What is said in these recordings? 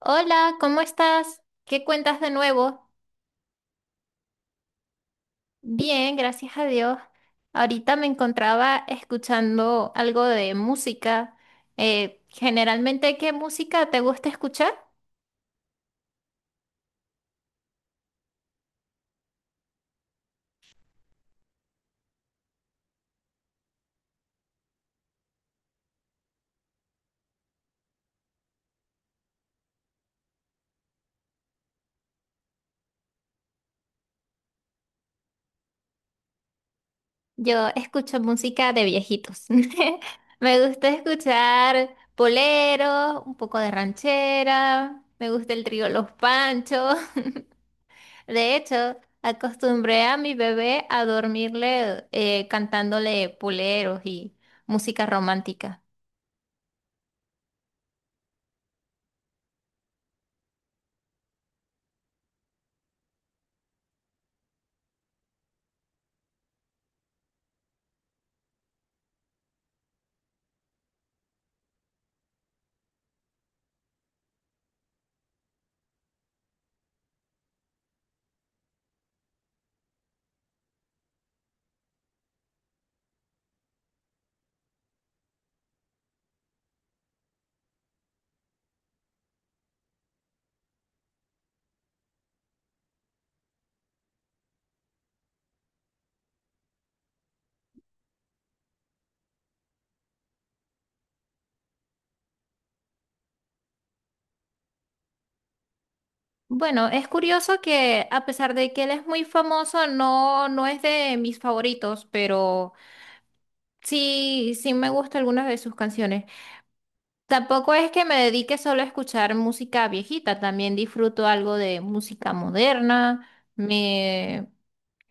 Hola, ¿cómo estás? ¿Qué cuentas de nuevo? Bien, gracias a Dios. Ahorita me encontraba escuchando algo de música. Generalmente, ¿qué música te gusta escuchar? Yo escucho música de viejitos. Me gusta escuchar boleros, un poco de ranchera, me gusta el trío Los Panchos. De hecho, acostumbré a mi bebé a dormirle cantándole boleros y música romántica. Bueno, es curioso que a pesar de que él es muy famoso, no, no es de mis favoritos, pero sí, sí me gustan algunas de sus canciones. Tampoco es que me dedique solo a escuchar música viejita, también disfruto algo de música moderna. Me,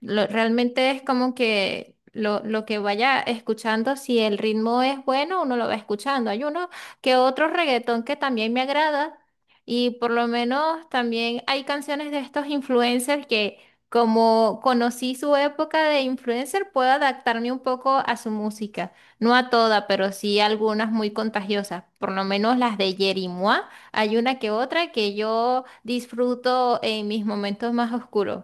realmente es como que lo que vaya escuchando, si el ritmo es bueno, uno lo va escuchando. Hay uno que otro reggaetón que también me agrada y por lo menos también hay canciones de estos influencers que, como conocí su época de influencer, puedo adaptarme un poco a su música. No a toda, pero sí algunas muy contagiosas. Por lo menos las de Yeri Mua, hay una que otra que yo disfruto en mis momentos más oscuros.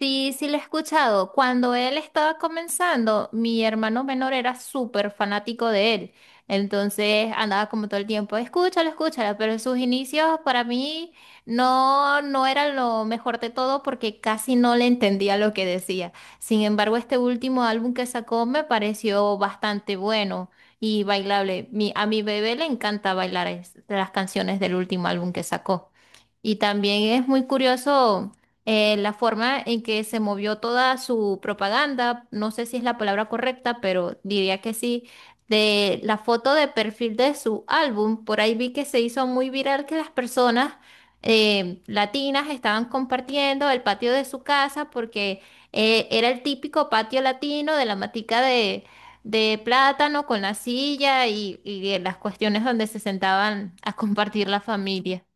Sí, sí lo he escuchado. Cuando él estaba comenzando, mi hermano menor era súper fanático de él. Entonces andaba como todo el tiempo, escúchalo, escúchalo. Pero en sus inicios para mí no, no era lo mejor de todo porque casi no le entendía lo que decía. Sin embargo, este último álbum que sacó me pareció bastante bueno y bailable. A mi bebé le encanta bailar las canciones del último álbum que sacó. Y también es muy curioso la forma en que se movió toda su propaganda, no sé si es la palabra correcta, pero diría que sí, de la foto de perfil de su álbum, por ahí vi que se hizo muy viral que las personas latinas estaban compartiendo el patio de su casa porque era el típico patio latino de la matica de plátano con la silla y las cuestiones donde se sentaban a compartir la familia.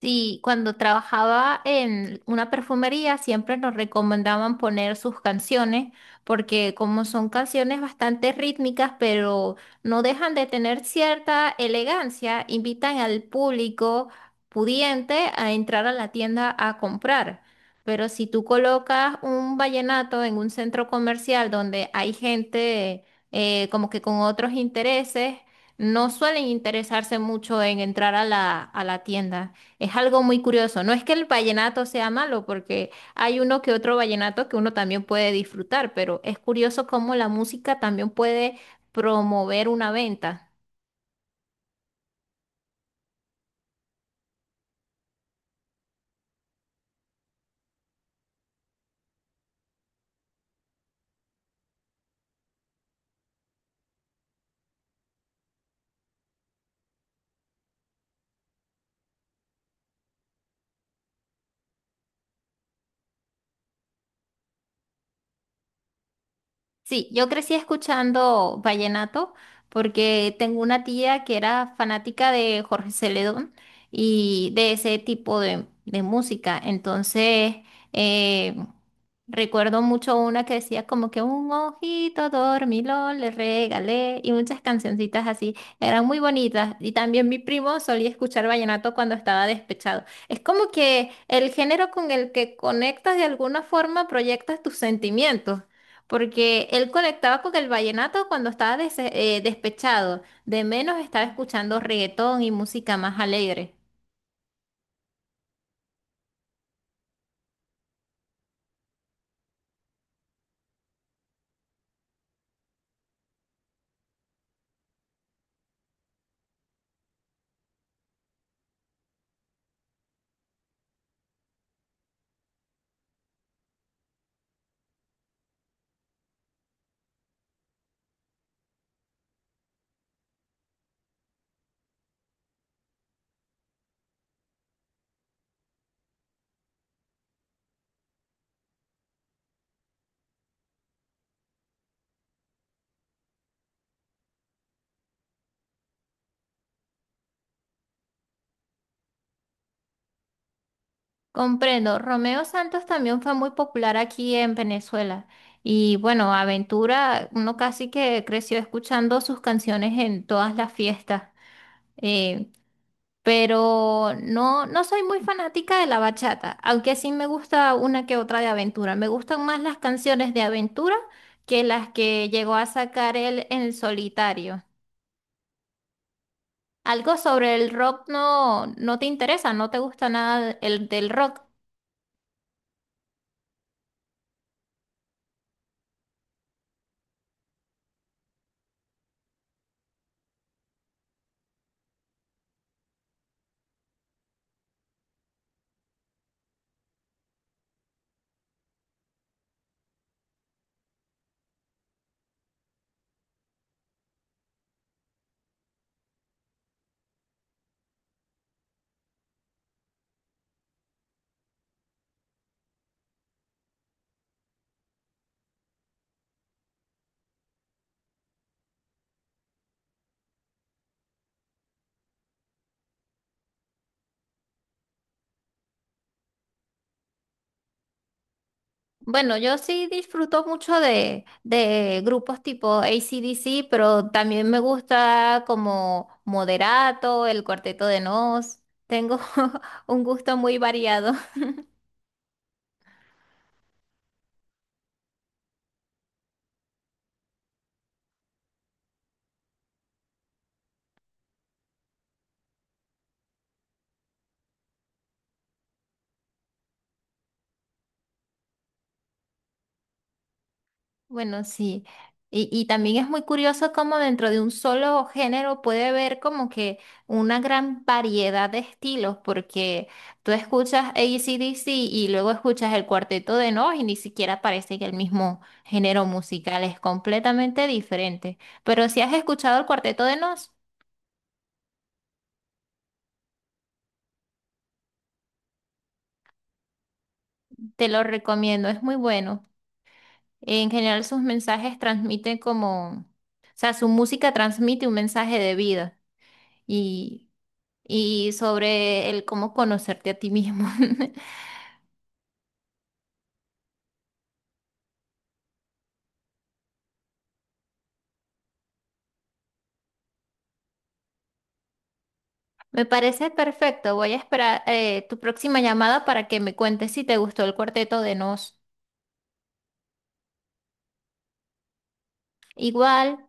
Sí, cuando trabajaba en una perfumería siempre nos recomendaban poner sus canciones porque como son canciones bastante rítmicas pero no dejan de tener cierta elegancia, invitan al público pudiente a entrar a la tienda a comprar. Pero si tú colocas un vallenato en un centro comercial donde hay gente como que con otros intereses, no suelen interesarse mucho en entrar a a la tienda. Es algo muy curioso. No es que el vallenato sea malo, porque hay uno que otro vallenato que uno también puede disfrutar, pero es curioso cómo la música también puede promover una venta. Sí, yo crecí escuchando vallenato porque tengo una tía que era fanática de Jorge Celedón y de ese tipo de música. Entonces, eh, recuerdo mucho una que decía como que un ojito dormilón le regalé y muchas cancioncitas así. Eran muy bonitas. Y también mi primo solía escuchar vallenato cuando estaba despechado. Es como que el género con el que conectas de alguna forma proyectas tus sentimientos. Porque él conectaba con el vallenato cuando estaba despechado. De menos estaba escuchando reggaetón y música más alegre. Comprendo. Romeo Santos también fue muy popular aquí en Venezuela. Y bueno, Aventura, uno casi que creció escuchando sus canciones en todas las fiestas. Eh, pero no, no soy muy fanática de la bachata, aunque sí me gusta una que otra de Aventura. Me gustan más las canciones de Aventura que las que llegó a sacar él en el solitario. Algo sobre el rock no, no te interesa, no te gusta nada el del rock. Bueno, yo sí disfruto mucho de grupos tipo AC/DC, pero también me gusta como Moderato, el Cuarteto de Nos. Tengo un gusto muy variado. Bueno, sí. Y también es muy curioso cómo dentro de un solo género puede haber como que una gran variedad de estilos, porque tú escuchas ACDC y luego escuchas el Cuarteto de Nos y ni siquiera parece que el mismo género musical es completamente diferente. Pero si has escuchado el Cuarteto de Nos, te lo recomiendo, es muy bueno. En general sus mensajes transmiten como, o sea, su música transmite un mensaje de vida. Y y sobre el cómo conocerte a ti mismo. Me parece perfecto. Voy a esperar tu próxima llamada para que me cuentes si te gustó el Cuarteto de Nos. Igual.